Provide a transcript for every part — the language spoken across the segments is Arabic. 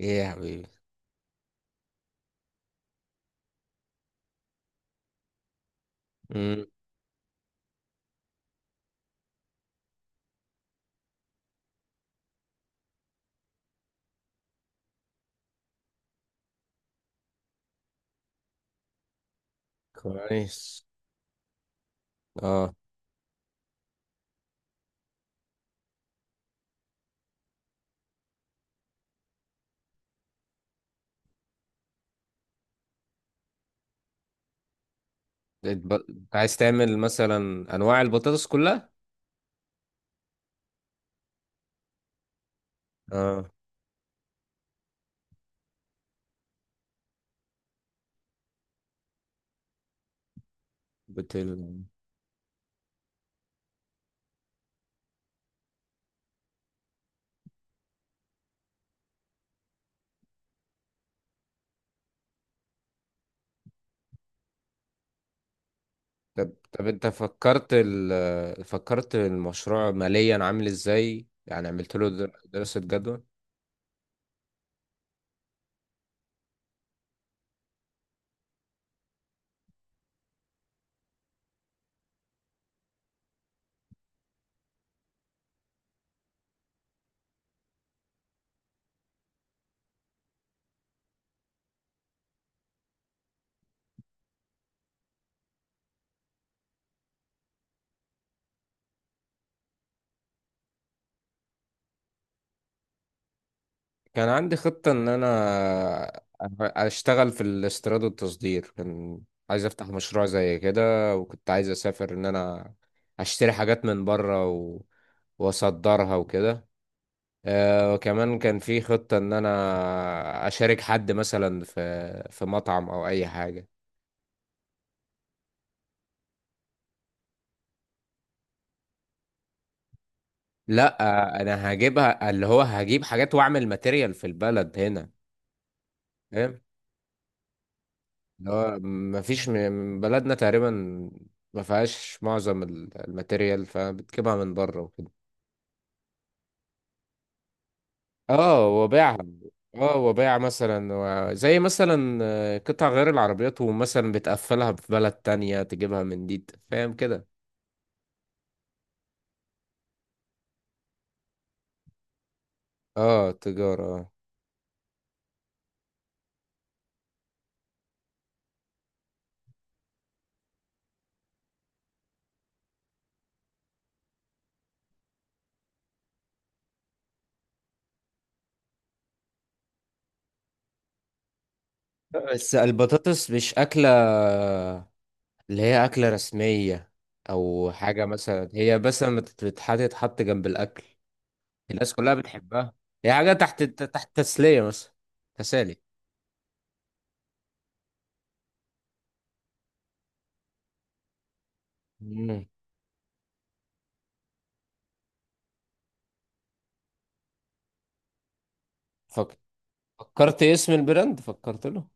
ايه يا حبيبي. امم. كويس. اه. انت عايز تعمل مثلا انواع البطاطس كلها؟ اه. بتل... طب، انت فكرت فكرت المشروع ماليا عامل ازاي؟ يعني عملت له دراسة جدوى؟ كان عندي خطة ان انا اشتغل في الاستيراد والتصدير. كان عايز افتح مشروع زي كده، وكنت عايز اسافر ان انا اشتري حاجات من بره واصدرها وكده. وكمان كان في خطة ان انا اشارك حد مثلا في مطعم او اي حاجة. لا، انا هجيبها اللي هو هجيب حاجات واعمل ماتيريال في البلد هنا. فاهم. اللي هو مفيش بلدنا تقريبا ما فيهاش معظم الماتيريال، فبتجيبها من بره وكده. اه، وبيعها. اه، وبيع مثلا زي مثلا قطع غير العربيات، ومثلا بتقفلها في بلد تانية تجيبها من دي، فاهم كده. اه، تجارة. بس البطاطس مش أكلة اللي هي أكلة رسمية، أو حاجة. مثلا هي بس لما بتتحط تحط جنب الأكل. الناس كلها بتحبها. هي حاجة تحت تحت، تسلية مثلا. تسالي. مم. فك... فكرت اسم البراند؟ فكرت له؟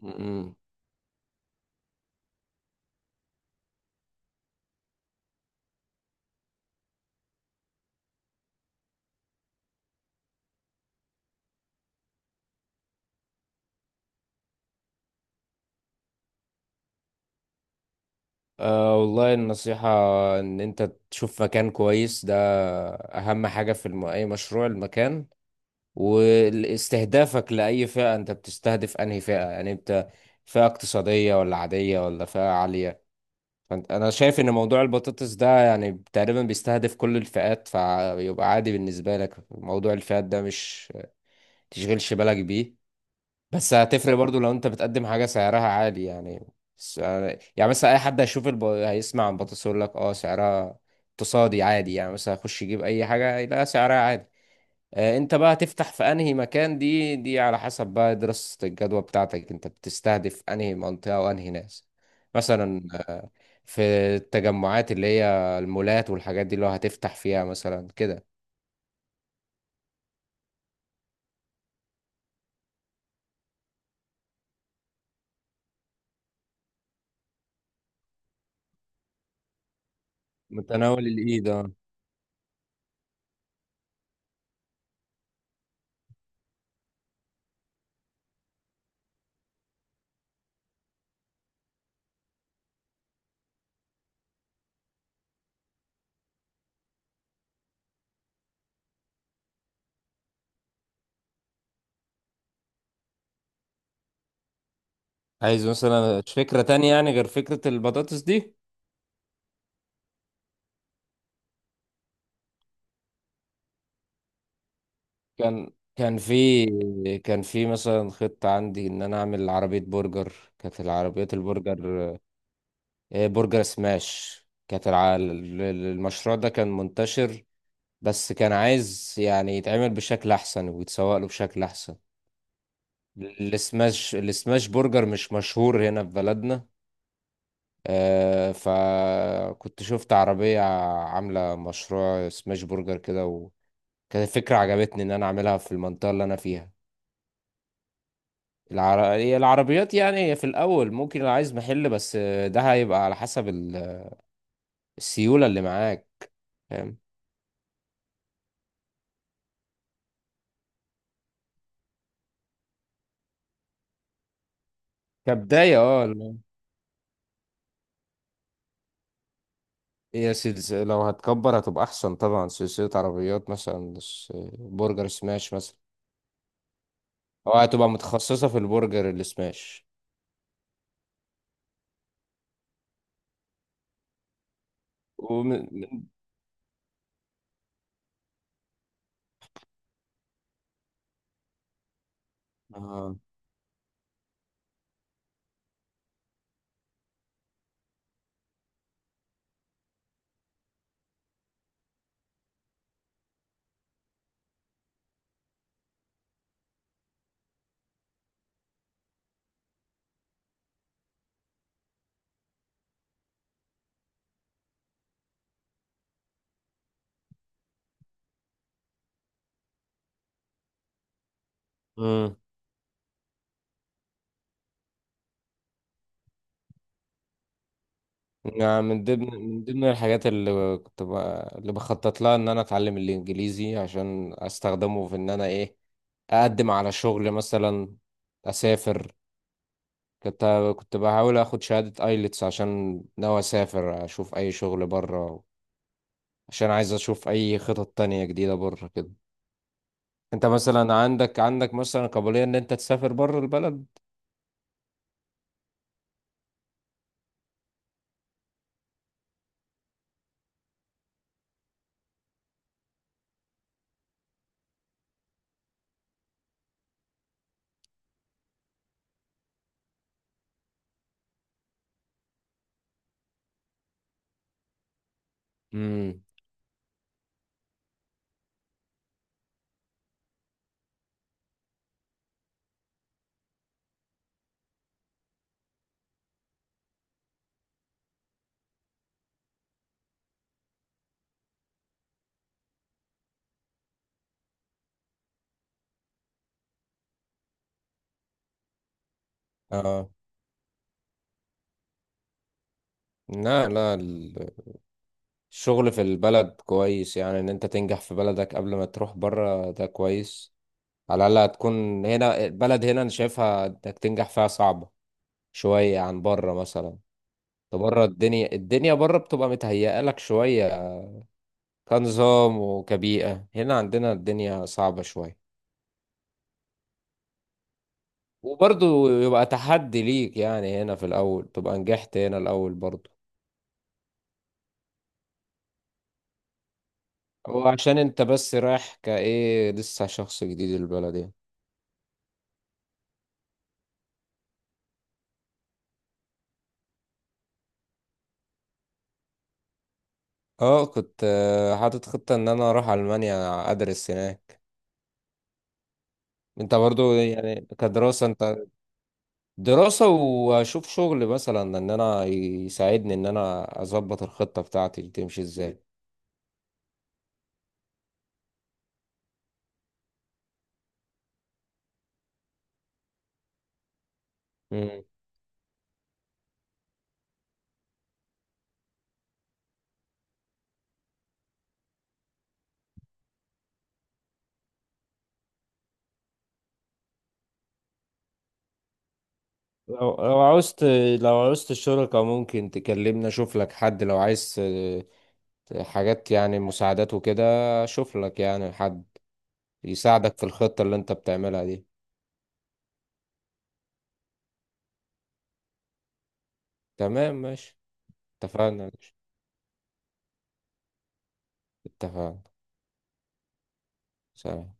مم. والله النصيحة إن أنت تشوف مكان كويس. ده أهم حاجة في أي مشروع، المكان. واستهدافك لأي فئة، أنت بتستهدف أنهي فئة؟ يعني أنت فئة اقتصادية ولا عادية ولا فئة عالية؟ فأنت، أنا شايف إن موضوع البطاطس ده يعني تقريبا بيستهدف كل الفئات، فيبقى عادي بالنسبة لك موضوع الفئات ده، مش تشغلش بالك بيه. بس هتفرق برضو لو أنت بتقدم حاجة سعرها عالي يعني. س- يعني مثلا أي حد هيشوف هيسمع عن البطاطس، يقول لك أه سعرها اقتصادي عادي، يعني مثلا هيخش يجيب أي حاجة يلاقي سعرها عادي. انت بقى هتفتح في انهي مكان؟ دي على حسب بقى دراسة الجدوى بتاعتك، انت بتستهدف انهي منطقة وانهي ناس. مثلا في التجمعات اللي هي المولات والحاجات دي، اللي هو هتفتح فيها مثلا كده. متناول الايد، اه. عايز مثلا فكرة تانية يعني غير فكرة البطاطس دي؟ كان كان في كان في مثلا خطة عندي ان انا اعمل عربية برجر. كانت العربيات البرجر، برجر سماش. كانت المشروع ده كان منتشر، بس كان عايز يعني يتعمل بشكل احسن ويتسوق له بشكل احسن. السماش برجر مش مشهور هنا في بلدنا. فكنت شفت عربية عاملة مشروع سماش برجر كده، وكانت فكرة عجبتني ان انا اعملها في المنطقة اللي انا فيها. هي العربيات يعني في الاول، ممكن لو عايز محل بس، ده هيبقى على حسب السيولة اللي معاك، فاهم؟ كبداية، اه. هي سلسلة، لو هتكبر هتبقى أحسن طبعا، سلسلة عربيات مثلا، برجر سماش مثلا. أو هتبقى متخصصة في البرجر السماش. ومن اه مم. يعني من ضمن الحاجات اللي كنت اللي بخطط لها، إن أنا أتعلم الإنجليزي عشان أستخدمه في إن أنا أقدم على شغل مثلا، أسافر. كنت كنت بحاول أخد شهادة أيلتس عشان ناوي أسافر أشوف أي شغل بره، عشان عايز أشوف أي خطط تانية جديدة بره كده. انت مثلا عندك مثلا قابلية ان انت تسافر بره البلد؟ امم. اه. لا، لا، الشغل في البلد كويس. يعني ان انت تنجح في بلدك قبل ما تروح بره ده كويس. على الاقل هتكون هنا، البلد هنا انا شايفها انك تنجح فيها صعبة شوية عن بره مثلا. ده بره الدنيا، الدنيا بره بتبقى متهيئة لك شوية، كنظام وكبيئة. هنا عندنا الدنيا صعبة شوية، وبرضه يبقى تحدي ليك يعني، هنا في الأول تبقى نجحت هنا الأول برضه. هو عشان انت بس رايح كايه لسه شخص جديد البلد يعني. اه، كنت حاطط خطة ان انا اروح المانيا ادرس هناك. انت برضو يعني كدراسة، انت دراسة واشوف شغل مثلا، ان انا يساعدني ان انا اظبط الخطة بتاعتي دي تمشي ازاي. مم. لو عاوزت، لو عاوزت الشركة ممكن تكلمني اشوف لك حد، لو عايز حاجات يعني مساعدات وكده. اشوف لك يعني حد يساعدك في الخطة اللي انت بتعملها دي. تمام، ماشي. اتفقنا. اتفقنا. سلام.